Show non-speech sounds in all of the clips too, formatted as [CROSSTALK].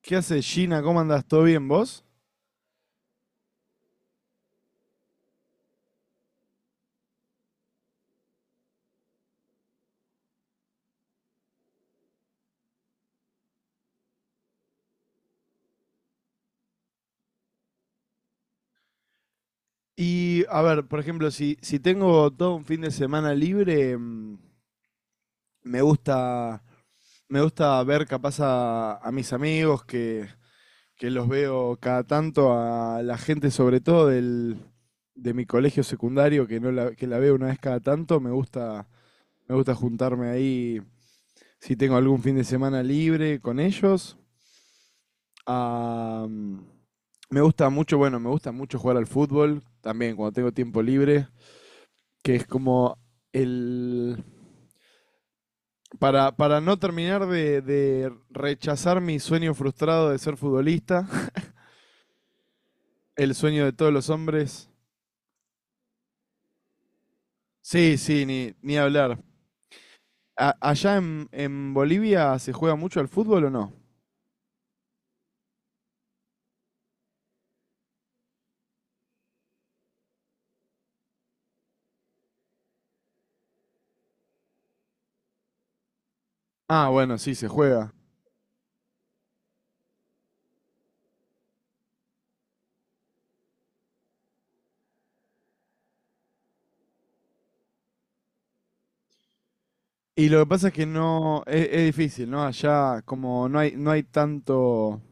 ¿Qué haces, Gina? ¿Cómo andás? ¿Todo bien vos? Y a ver, por ejemplo, si tengo todo un fin de semana libre, me gusta, me gusta ver capaz a mis amigos que los veo cada tanto, a la gente sobre todo de mi colegio secundario, que no que la veo una vez cada tanto, me gusta juntarme ahí si tengo algún fin de semana libre con ellos. Am, Me gusta mucho, bueno, me gusta mucho jugar al fútbol también cuando tengo tiempo libre, que es como el... para no terminar de rechazar mi sueño frustrado de ser futbolista, [LAUGHS] el sueño de todos los hombres. Sí, sí, ni hablar. ¿Allá en Bolivia se juega mucho al fútbol o no? Ah, bueno, sí, se juega. Y lo que pasa es que no, es difícil, ¿no? Allá como no hay, no hay tanto.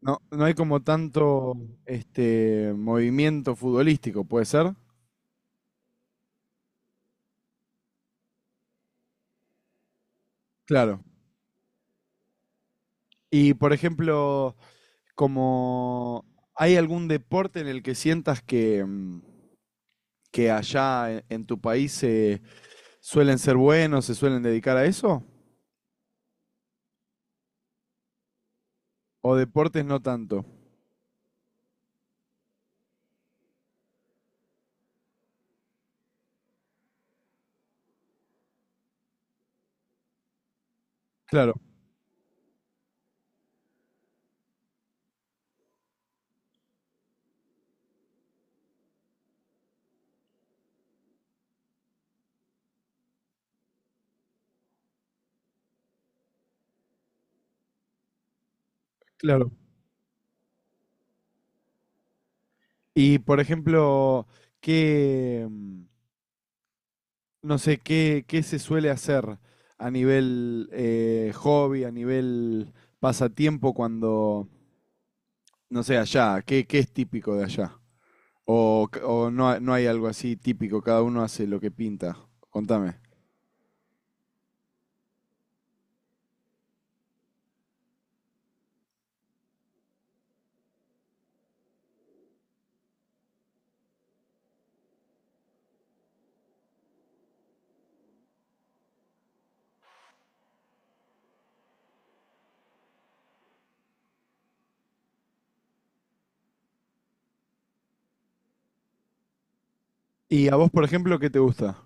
No, no hay como tanto este movimiento futbolístico, ¿puede ser? Claro. Y por ejemplo, como ¿hay algún deporte en el que sientas que, que allá en tu país se suelen ser buenos, se suelen dedicar a eso? ¿O deportes no tanto? Claro, claro. Y por ejemplo, ¿qué, no sé, qué, qué se suele hacer a nivel hobby, a nivel pasatiempo cuando no sé, ¿allá? ¿Qué, qué es típico de allá? O no, no hay algo así típico? Cada uno hace lo que pinta. Contame. ¿Y a vos, por ejemplo, qué te gusta?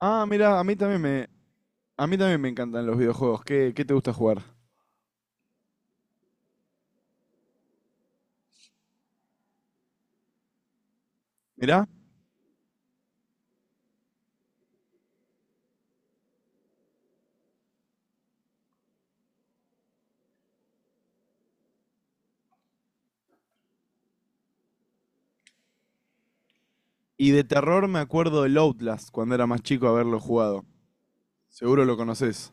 Ah, mira, a mí también me, a mí también me encantan los videojuegos. ¿Qué, qué te gusta jugar? Mirá. Y de terror me acuerdo del Outlast cuando era más chico haberlo jugado. Seguro lo conoces.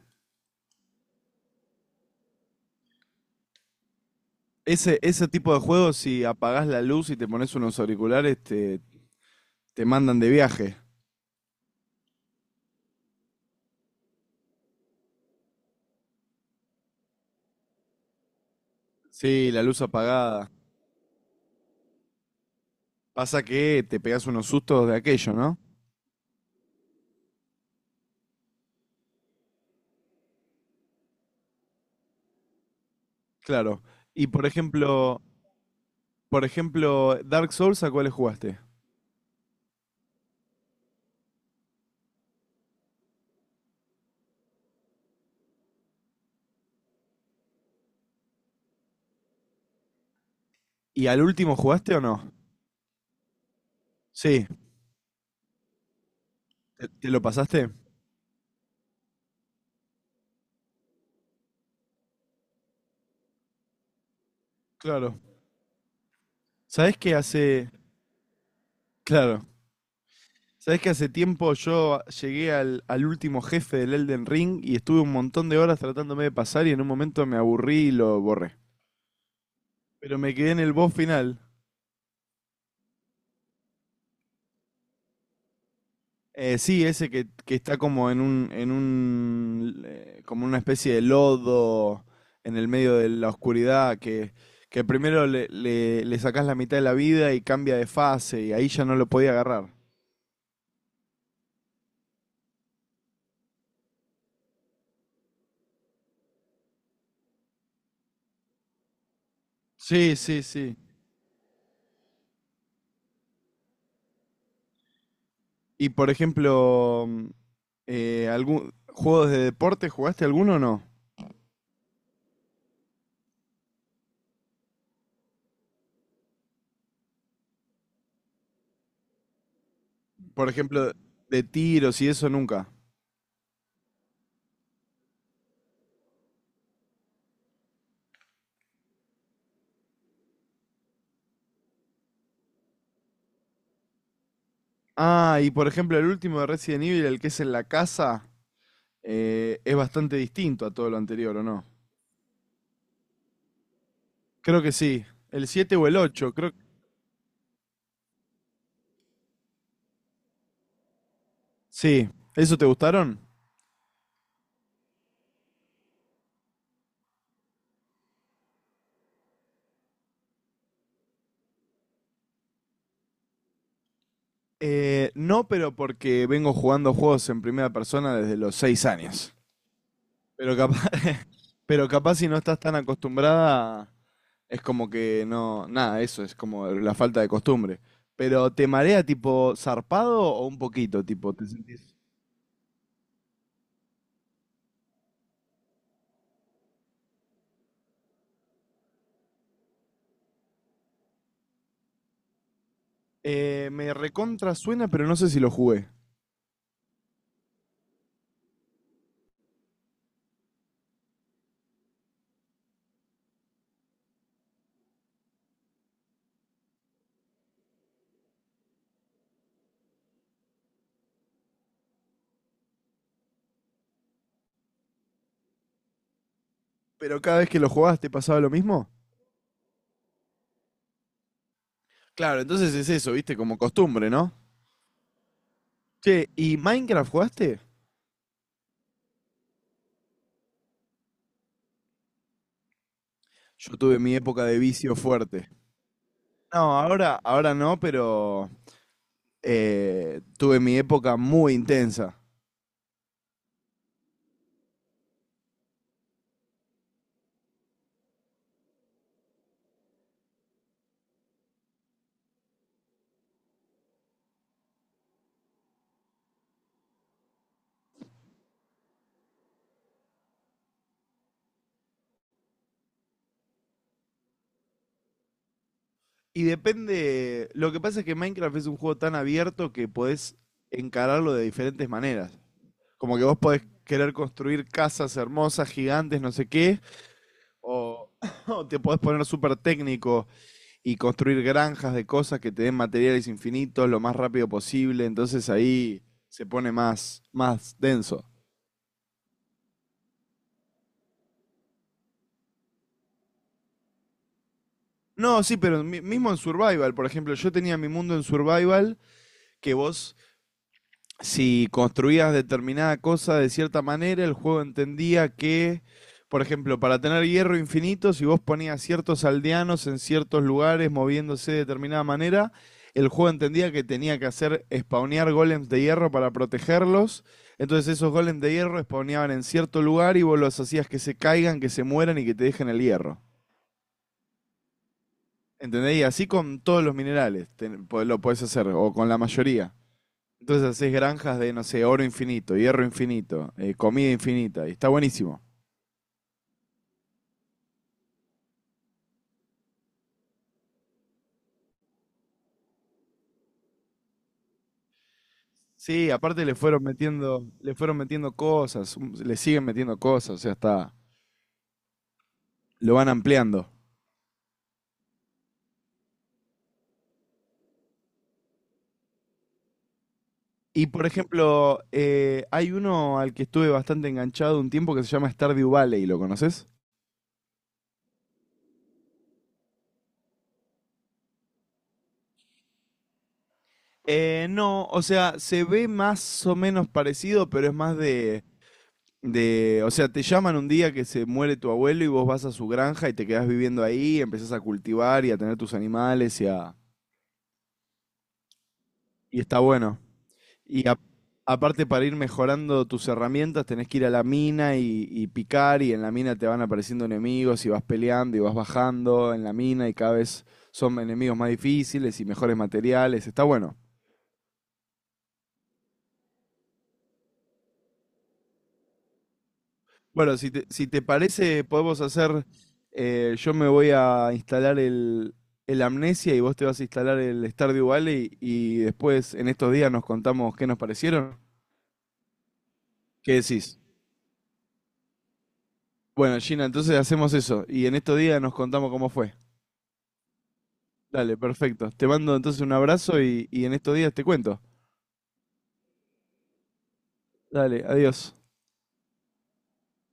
Ese tipo de juegos, si apagás la luz y te pones unos auriculares, te mandan de viaje. Sí, la luz apagada. Pasa que te pegás unos sustos de aquello, ¿no? Claro. Y por ejemplo, Dark Souls, ¿a cuáles jugaste? ¿Y al último jugaste o no? Sí, ¿te, te lo pasaste? Claro. ¿Sabés que hace, claro, sabés que hace tiempo yo llegué al último jefe del Elden Ring y estuve un montón de horas tratándome de pasar y en un momento me aburrí y lo borré? Pero me quedé en el boss final. Sí, ese que está como en un, como una especie de lodo en el medio de la oscuridad, que primero le sacás la mitad de la vida y cambia de fase, y ahí ya no lo podía agarrar. Sí, sí, sí. Y por ejemplo, ¿juegos de deporte jugaste alguno o no? Por ejemplo, de tiros y eso nunca. Ah, y por ejemplo, el último de Resident Evil, el que es en la casa, es bastante distinto a todo lo anterior, ¿o no? Creo que sí. El 7 o el ocho, creo. Sí. ¿Eso te gustaron? No, pero porque vengo jugando juegos en primera persona desde los 6 años. Pero capaz, [LAUGHS] pero capaz si no estás tan acostumbrada, es como que no. Nada, eso es como la falta de costumbre. Pero ¿te marea tipo zarpado o un poquito? Tipo, ¿te sentís? Me recontra suena, pero no sé si lo jugué. Pero cada vez que lo jugabas, ¿te pasaba lo mismo? Claro, entonces es eso, viste, como costumbre, ¿no? Che, ¿y Minecraft jugaste? Yo tuve mi época de vicio fuerte. No, ahora, ahora no, pero tuve mi época muy intensa. Y depende, lo que pasa es que Minecraft es un juego tan abierto que podés encararlo de diferentes maneras. Como que vos podés querer construir casas hermosas, gigantes, no sé qué, o, [LAUGHS] o te podés poner súper técnico y construir granjas de cosas que te den materiales infinitos lo más rápido posible, entonces ahí se pone más, más denso. No, sí, pero mismo en Survival, por ejemplo, yo tenía mi mundo en Survival, que vos, si construías determinada cosa de cierta manera, el juego entendía que, por ejemplo, para tener hierro infinito, si vos ponías ciertos aldeanos en ciertos lugares moviéndose de determinada manera, el juego entendía que tenía que hacer spawnear golems de hierro para protegerlos. Entonces esos golems de hierro spawneaban en cierto lugar y vos los hacías que se caigan, que se mueran y que te dejen el hierro. ¿Entendés? Y así con todos los minerales lo podés hacer, o con la mayoría. Entonces haces granjas de, no sé, oro infinito, hierro infinito, comida infinita, y está buenísimo. Sí, aparte le fueron metiendo cosas, le siguen metiendo cosas, o sea, está, lo van ampliando. Y por ejemplo, hay uno al que estuve bastante enganchado un tiempo que se llama Stardew Valley, ¿lo conoces? No, o sea, se ve más o menos parecido, pero es más de. De, o sea, te llaman un día que se muere tu abuelo y vos vas a su granja y te quedás viviendo ahí, empezás a cultivar y a tener tus animales, y a y está bueno. Y a- Aparte, para ir mejorando tus herramientas tenés que ir a la mina y picar, y en la mina te van apareciendo enemigos y vas peleando y vas bajando en la mina y cada vez son enemigos más difíciles y mejores materiales. Está bueno. Bueno, si te, si te parece, podemos hacer. Eh, yo me voy a instalar el Amnesia y vos te vas a instalar el Stardew Valley y después en estos días nos contamos qué nos parecieron. ¿Qué decís? Bueno, Gina, entonces hacemos eso y en estos días nos contamos cómo fue. Dale, perfecto. Te mando entonces un abrazo y en estos días te cuento. Dale, adiós.